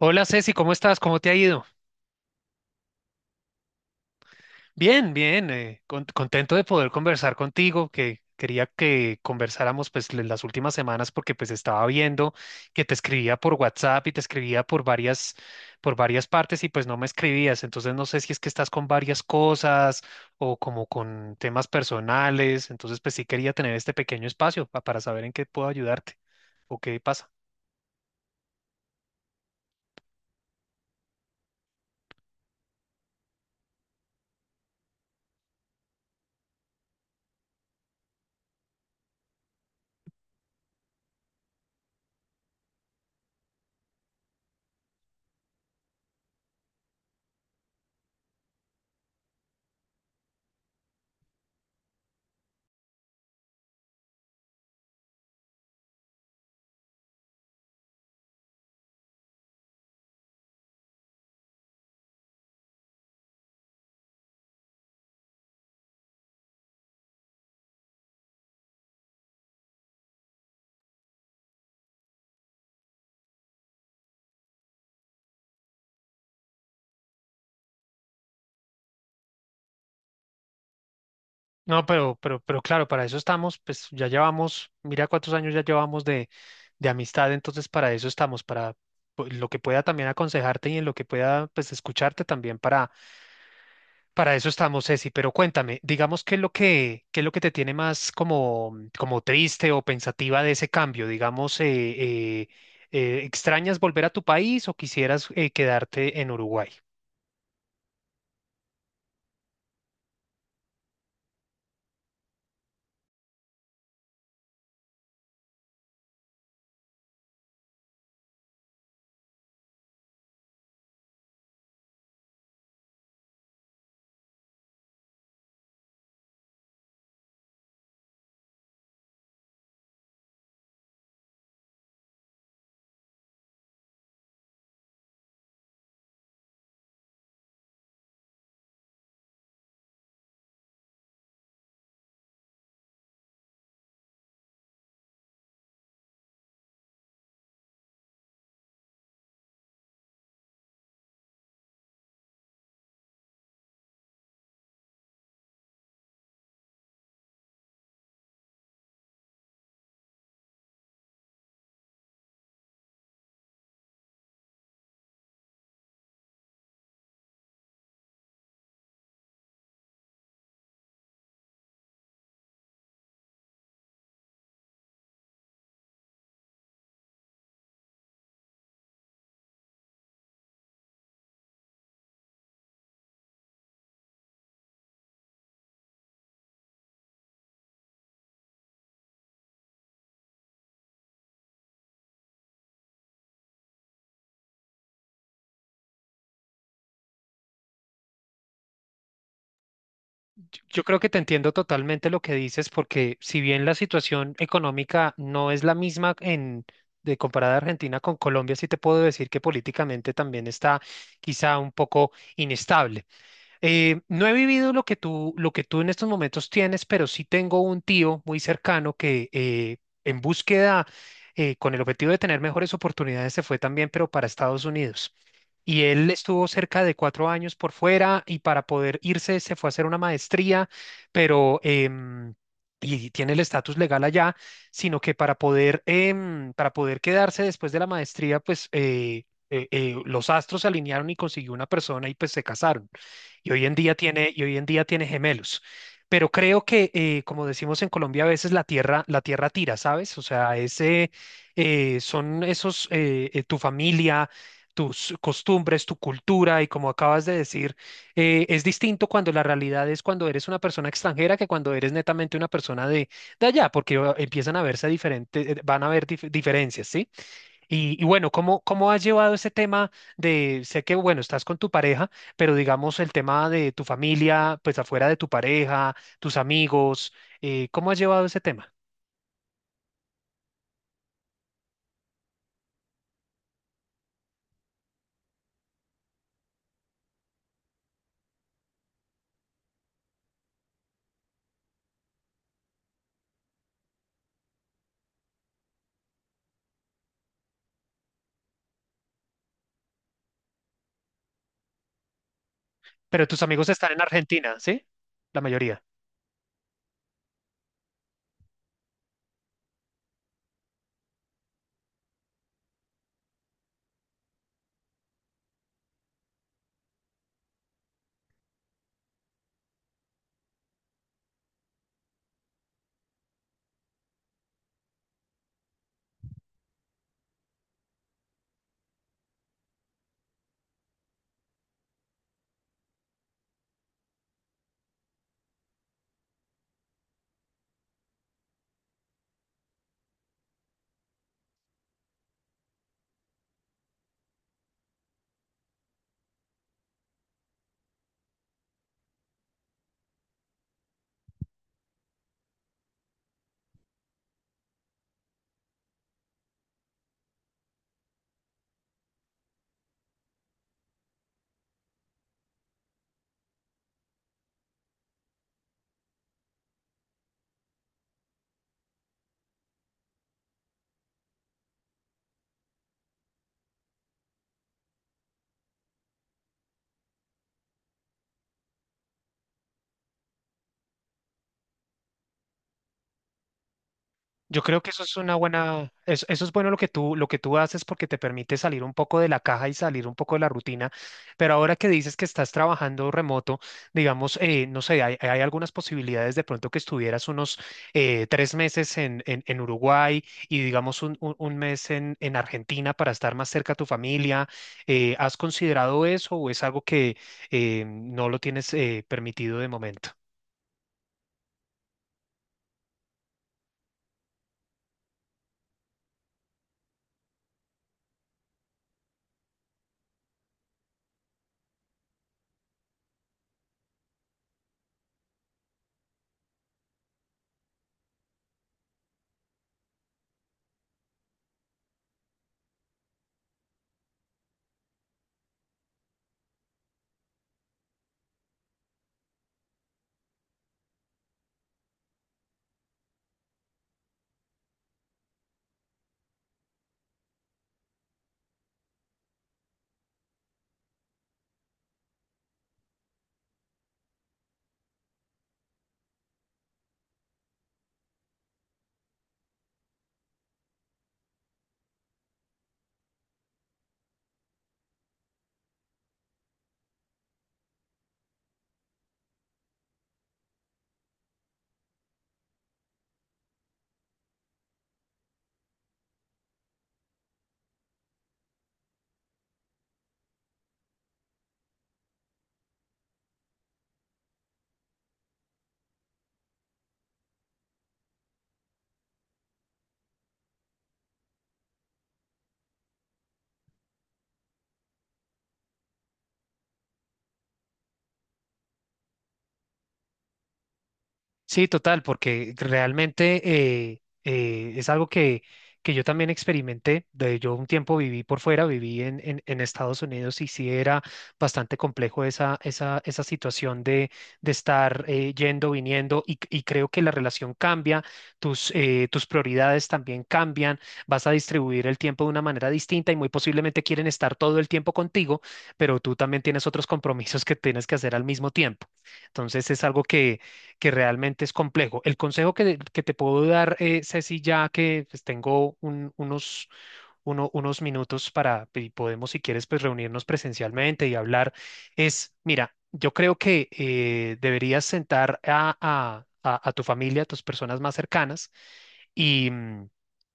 Hola Ceci, ¿cómo estás? ¿Cómo te ha ido? Bien, bien, contento de poder conversar contigo, que quería que conversáramos pues las últimas semanas porque pues estaba viendo que te escribía por WhatsApp y te escribía por varias partes y pues no me escribías, entonces no sé si es que estás con varias cosas o como con temas personales, entonces pues sí quería tener este pequeño espacio para saber en qué puedo ayudarte o qué pasa. No, pero claro, para eso estamos, pues ya llevamos, mira cuántos años ya llevamos de amistad, entonces para eso estamos, para pues, lo que pueda también aconsejarte y en lo que pueda pues escucharte también para eso estamos, Ceci. Pero cuéntame, digamos qué es lo que te tiene más como, como triste o pensativa de ese cambio, digamos, ¿extrañas volver a tu país o quisieras quedarte en Uruguay? Yo creo que te entiendo totalmente lo que dices, porque si bien la situación económica no es la misma en de comparada Argentina con Colombia, sí te puedo decir que políticamente también está quizá un poco inestable. No he vivido lo que tú en estos momentos tienes, pero sí tengo un tío muy cercano que en búsqueda, con el objetivo de tener mejores oportunidades, se fue también, pero para Estados Unidos. Y él estuvo cerca de cuatro años por fuera y para poder irse se fue a hacer una maestría, pero y tiene el estatus legal allá, sino que para poder para poder quedarse después de la maestría, pues los astros se alinearon y consiguió una persona y pues se casaron y hoy en día tiene, y hoy en día tiene gemelos. Pero creo que, como decimos en Colombia, a veces la tierra tira, ¿sabes? O sea, ese, tu familia, tus costumbres, tu cultura, y como acabas de decir, es distinto cuando la realidad es cuando eres una persona extranjera que cuando eres netamente una persona de allá, porque empiezan a verse diferentes, van a haber diferencias, ¿sí? Y bueno, ¿cómo has llevado ese tema de, sé que, bueno, estás con tu pareja, pero digamos el tema de tu familia, pues afuera de tu pareja, tus amigos, ¿cómo has llevado ese tema? Pero tus amigos están en Argentina, ¿sí? La mayoría. Yo creo que eso es una buena, eso es bueno lo que tú haces porque te permite salir un poco de la caja y salir un poco de la rutina. Pero ahora que dices que estás trabajando remoto, digamos, no sé, hay algunas posibilidades de pronto que estuvieras unos tres meses en Uruguay y digamos un mes en Argentina para estar más cerca a tu familia. ¿Has considerado eso o es algo que no lo tienes permitido de momento? Sí, total, porque realmente es algo que yo también experimenté. De, yo un tiempo viví por fuera, viví en Estados Unidos y sí era bastante complejo esa situación de estar yendo, viniendo y creo que la relación cambia, tus prioridades también cambian, vas a distribuir el tiempo de una manera distinta y muy posiblemente quieren estar todo el tiempo contigo, pero tú también tienes otros compromisos que tienes que hacer al mismo tiempo. Entonces es algo que realmente es complejo. El consejo que te puedo dar, Ceci, ya que pues, tengo unos unos minutos para, y podemos, si quieres, pues reunirnos presencialmente y hablar, es, mira, yo creo que deberías sentar a, a tu familia, a tus personas más cercanas y mm,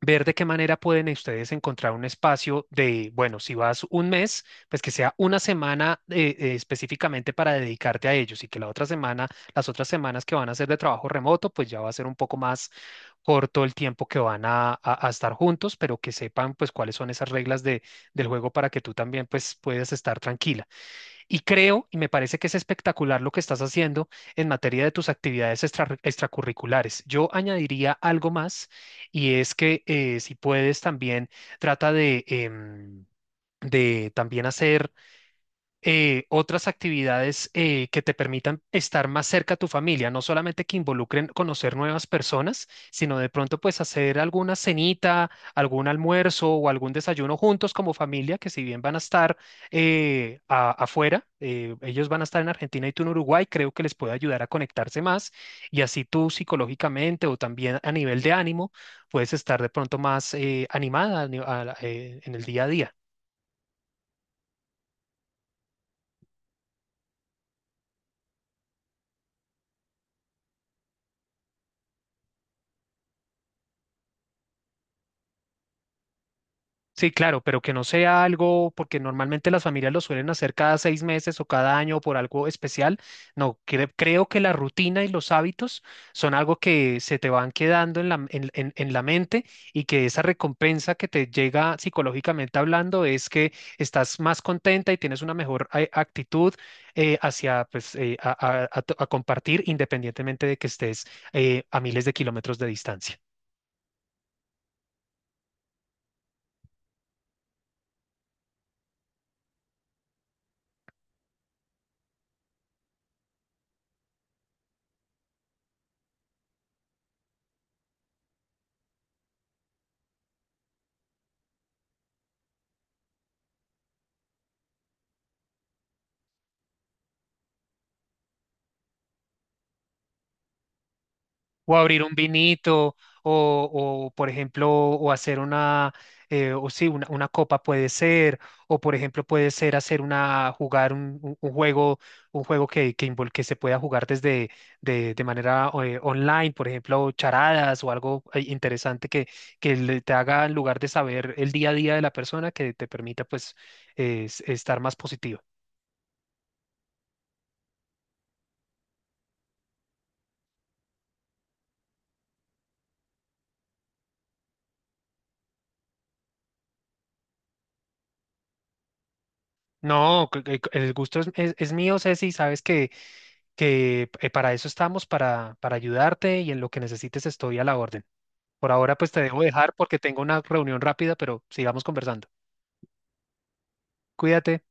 ver de qué manera pueden ustedes encontrar un espacio de, bueno, si vas un mes, pues que sea una semana específicamente para dedicarte a ellos y que la otra semana, las otras semanas que van a ser de trabajo remoto, pues ya va a ser un poco más corto el tiempo que van a estar juntos, pero que sepan pues cuáles son esas reglas de, del juego para que tú también pues puedas estar tranquila. Y creo, y me parece que es espectacular lo que estás haciendo en materia de tus actividades extracurriculares. Yo añadiría algo más y es que si puedes también trata de... de también hacer otras actividades que te permitan estar más cerca a tu familia, no solamente que involucren conocer nuevas personas, sino de pronto pues hacer alguna cenita, algún almuerzo o algún desayuno juntos como familia, que si bien van a estar afuera, ellos van a estar en Argentina y tú en Uruguay, creo que les puede ayudar a conectarse más y así tú psicológicamente o también a nivel de ánimo puedes estar de pronto más animada a en el día a día. Sí, claro, pero que no sea algo, porque normalmente las familias lo suelen hacer cada seis meses o cada año por algo especial. No, creo que la rutina y los hábitos son algo que se te van quedando en en la mente y que esa recompensa que te llega psicológicamente hablando es que estás más contenta y tienes una mejor actitud hacia, pues, a compartir independientemente de que estés a miles de kilómetros de distancia. O abrir un vinito, por ejemplo, o hacer una, o sí, una copa puede ser, o por ejemplo, puede ser hacer una, jugar un juego que se pueda jugar desde, de manera online, por ejemplo, charadas o algo interesante que te haga, en lugar de saber el día a día de la persona, que te permita, pues, estar más positivo. No, el gusto es mío, Ceci, sabes que para eso estamos, para ayudarte y en lo que necesites estoy a la orden. Por ahora pues te dejo dejar porque tengo una reunión rápida, pero sigamos conversando. Cuídate.